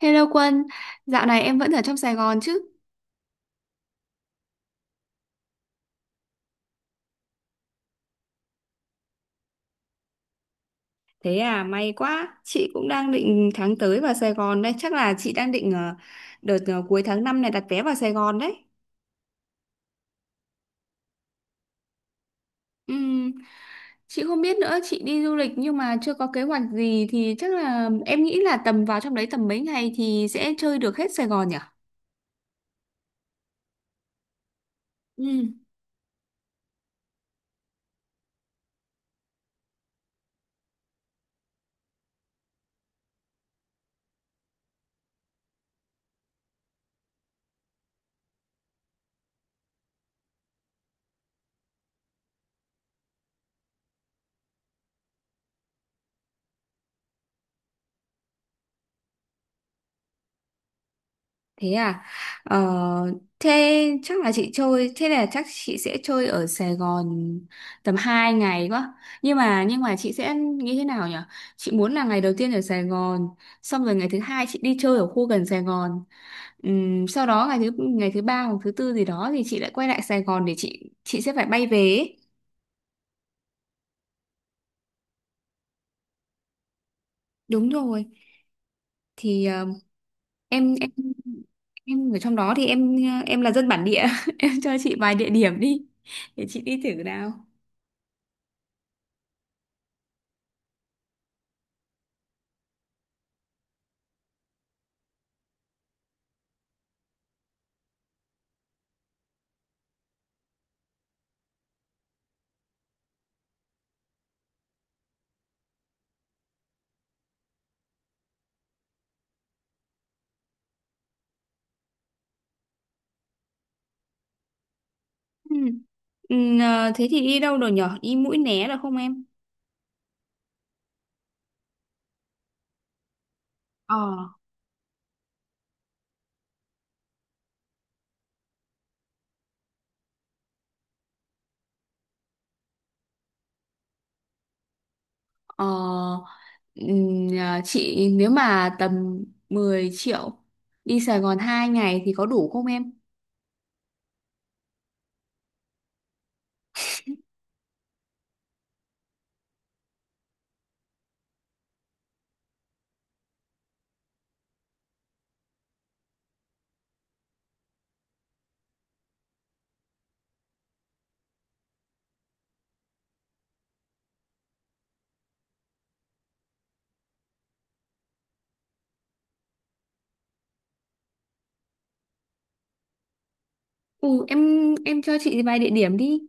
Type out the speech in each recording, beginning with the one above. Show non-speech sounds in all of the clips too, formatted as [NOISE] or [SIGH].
Hello Quân, dạo này em vẫn ở trong Sài Gòn chứ? Thế à, may quá. Chị cũng đang định tháng tới vào Sài Gòn đây. Chắc là chị đang định đợt cuối tháng 5 này đặt vé vào Sài Gòn đấy. Ừm, chị không biết nữa, chị đi du lịch nhưng mà chưa có kế hoạch gì thì chắc là em nghĩ là tầm vào trong đấy tầm mấy ngày thì sẽ chơi được hết Sài Gòn nhỉ? Ừ. Thế à? Ờ, thế chắc là chị chơi, thế là chắc chị sẽ chơi ở Sài Gòn tầm 2 ngày quá. Nhưng mà chị sẽ nghĩ thế nào nhỉ? Chị muốn là ngày đầu tiên ở Sài Gòn, xong rồi ngày thứ hai chị đi chơi ở khu gần Sài Gòn. Sau đó ngày thứ ba hoặc thứ tư gì đó thì chị lại quay lại Sài Gòn để chị sẽ phải bay về ấy. Đúng rồi. Thì em em em ở trong đó thì em là dân bản địa, [LAUGHS] em cho chị vài địa điểm đi để chị đi thử nào. Ừ. Ừ, à, thế thì đi đâu rồi nhở? Đi Mũi Né được không em? Ờ, ừ. Ờ, à, chị nếu mà tầm 10 triệu đi Sài Gòn 2 ngày thì có đủ không em? Ừ, em cho chị vài địa điểm đi.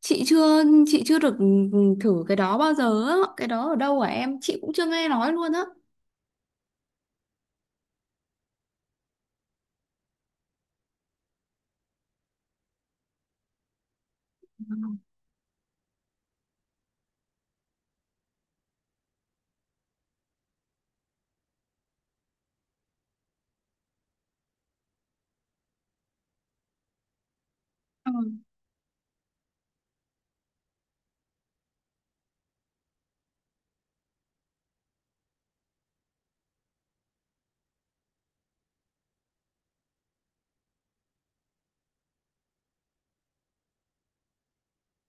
Chị chưa được thử cái đó bao giờ á. Cái đó ở đâu hả em? Chị cũng chưa nghe nói luôn á. Ừ.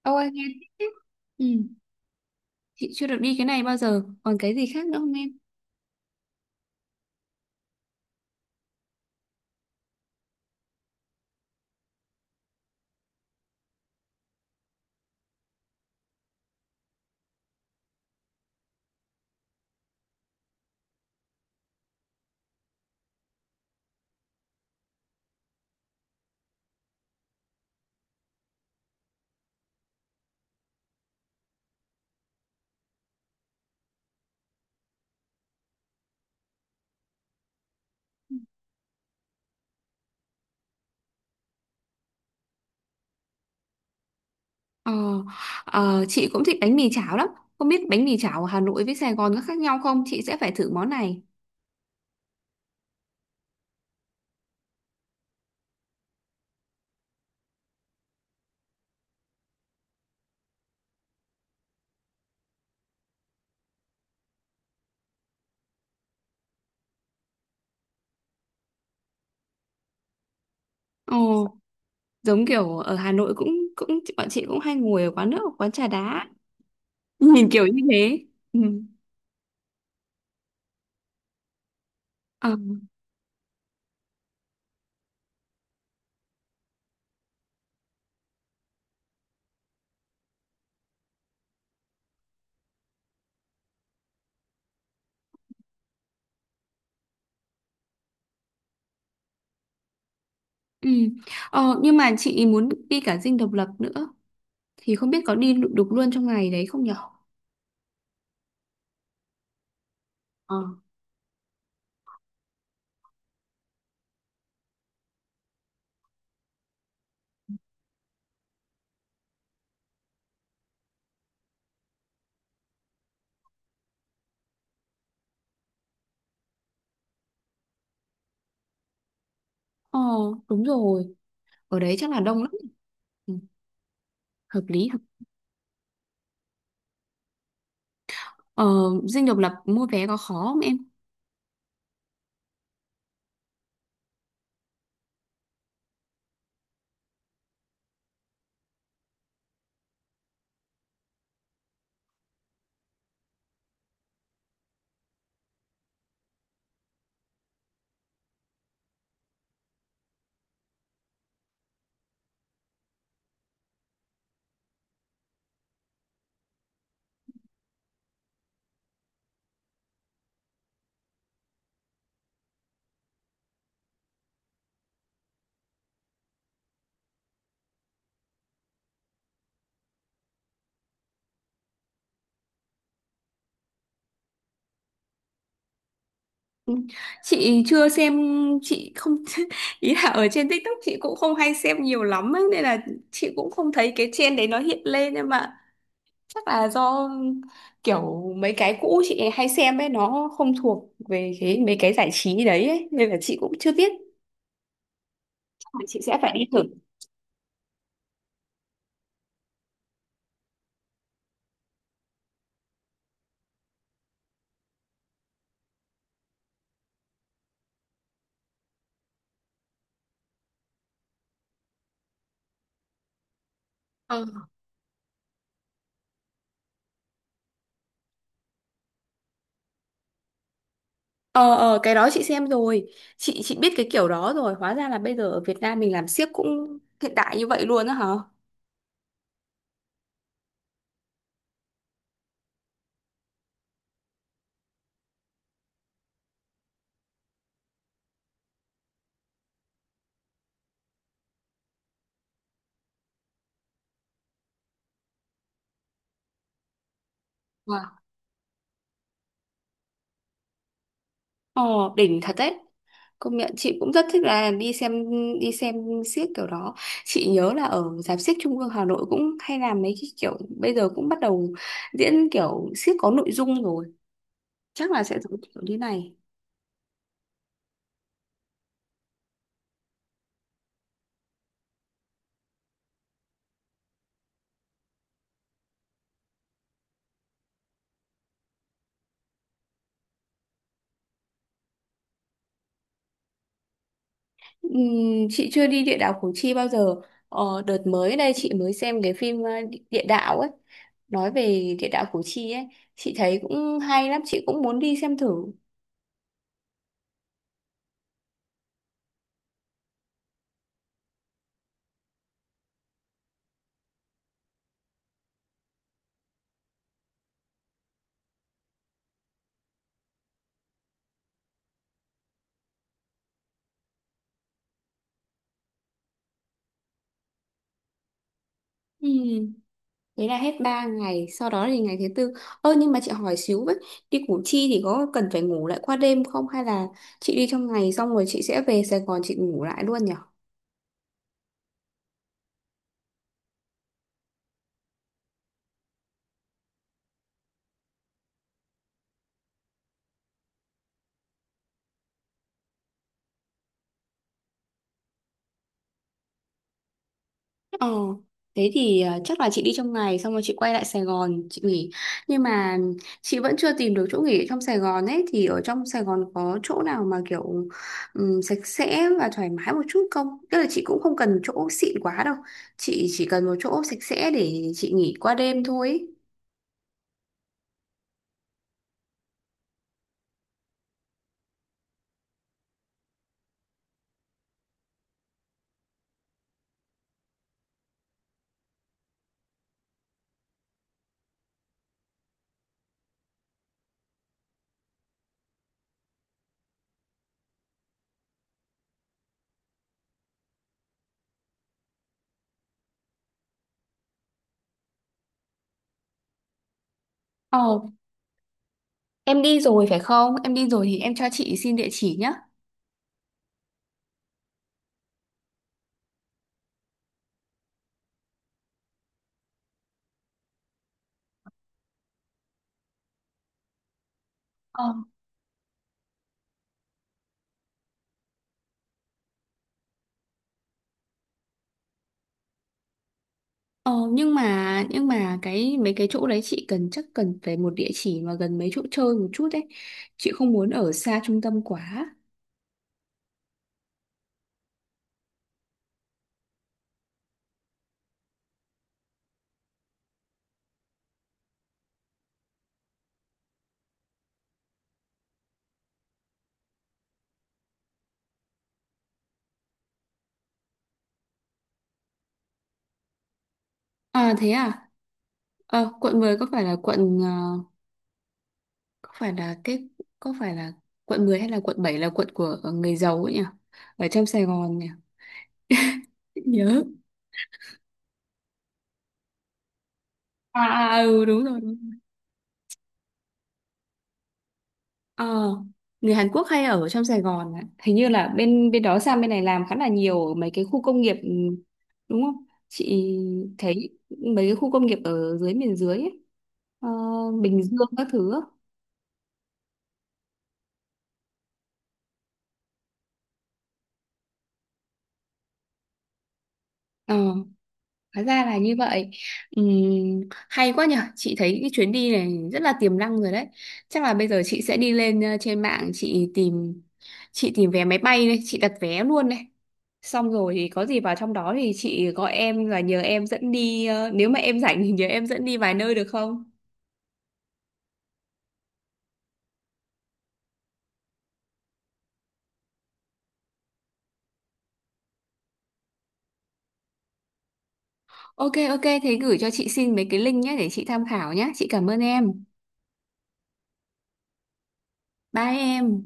Ôi nghe thích thế. Ừ, chị chưa được đi cái này bao giờ. Còn cái gì khác nữa không em? Ờ, ờ, chị cũng thích bánh mì chảo lắm. Không biết bánh mì chảo ở Hà Nội với Sài Gòn có khác nhau không? Chị sẽ phải thử món này. Ồ, giống kiểu ở Hà Nội cũng cũng bọn chị cũng hay ngồi ở quán nước, ở quán trà đá. Nhìn kiểu như thế. Ừ. Ờ, ừ. Ờ, nhưng mà chị muốn đi cả Dinh Độc Lập nữa thì không biết có đi được luôn trong ngày đấy không nhở? Ờ, ờ, đúng rồi. Ở đấy chắc là đông lắm. Ừ, hợp lý. Ờ, Dinh Độc Lập mua vé có khó không em? Ừ. Chị chưa xem, chị không [LAUGHS] ý là ở trên TikTok chị cũng không hay xem nhiều lắm ấy, nên là chị cũng không thấy cái trend đấy nó hiện lên nhưng mà chắc là do kiểu mấy cái cũ chị hay xem ấy nó không thuộc về cái mấy cái giải trí đấy ấy, nên là chị cũng chưa biết chắc là chị sẽ phải đi thử. Ờ. Ờ cái đó chị xem rồi, chị biết cái kiểu đó rồi. Hóa ra là bây giờ ở Việt Nam mình làm xiếc cũng hiện đại như vậy luôn á hả? Ồ, đỉnh thật đấy. Công nhận chị cũng rất thích là đi xem xiếc kiểu đó. Chị nhớ là ở rạp xiếc Trung ương Hà Nội cũng hay làm mấy cái kiểu bây giờ cũng bắt đầu diễn kiểu xiếc có nội dung rồi. Chắc là sẽ giống kiểu như này. Chị chưa đi địa đạo Củ Chi bao giờ. Ờ, đợt mới đây chị mới xem cái phim địa đạo ấy. Nói về địa đạo Củ Chi ấy, chị thấy cũng hay lắm, chị cũng muốn đi xem thử. Ừ. Đấy là hết 3 ngày, sau đó thì ngày thứ tư. Ơ nhưng mà chị hỏi xíu với, đi Củ Chi thì có cần phải ngủ lại qua đêm không hay là chị đi trong ngày xong rồi chị sẽ về Sài Gòn chị ngủ lại luôn nhỉ? Ờ, thế thì chắc là chị đi trong ngày xong rồi chị quay lại Sài Gòn chị nghỉ. Nhưng mà chị vẫn chưa tìm được chỗ nghỉ ở trong Sài Gòn ấy thì ở trong Sài Gòn có chỗ nào mà kiểu sạch sẽ và thoải mái một chút không? Tức là chị cũng không cần chỗ xịn quá đâu. Chị chỉ cần một chỗ sạch sẽ để chị nghỉ qua đêm thôi ấy. Ờ, em đi rồi phải không? Em đi rồi thì em cho chị xin địa chỉ nhé. Ờ, ờ, nhưng mà cái mấy cái chỗ đấy chị cần chắc cần phải một địa chỉ mà gần mấy chỗ chơi một chút đấy. Chị không muốn ở xa trung tâm quá. À thế à? Ờ, quận 10 có phải là cái có phải là quận 10 hay là quận 7 là quận của người giàu ấy nhỉ? Ở trong Sài Gòn nhỉ? Nhớ. À à, ừ đúng rồi. Ờ, người Hàn Quốc hay ở trong Sài Gòn ạ. Hình như là bên bên đó sang bên này làm khá là nhiều ở mấy cái khu công nghiệp đúng không? Chị thấy mấy cái khu công nghiệp ở dưới miền dưới ấy. Ờ, Bình Dương các thứ. Ờ. Hóa ra là như vậy. Ừm, Hay quá nhở. Chị thấy cái chuyến đi này rất là tiềm năng rồi đấy. Chắc là bây giờ chị sẽ đi lên trên mạng chị tìm vé máy bay đây, chị đặt vé luôn đây. Xong rồi thì có gì vào trong đó thì chị gọi em và nhờ em dẫn đi nếu mà em rảnh thì nhờ em dẫn đi vài nơi được không? Ok ok thế gửi cho chị xin mấy cái link nhé để chị tham khảo nhé. Chị cảm ơn em. Bye em.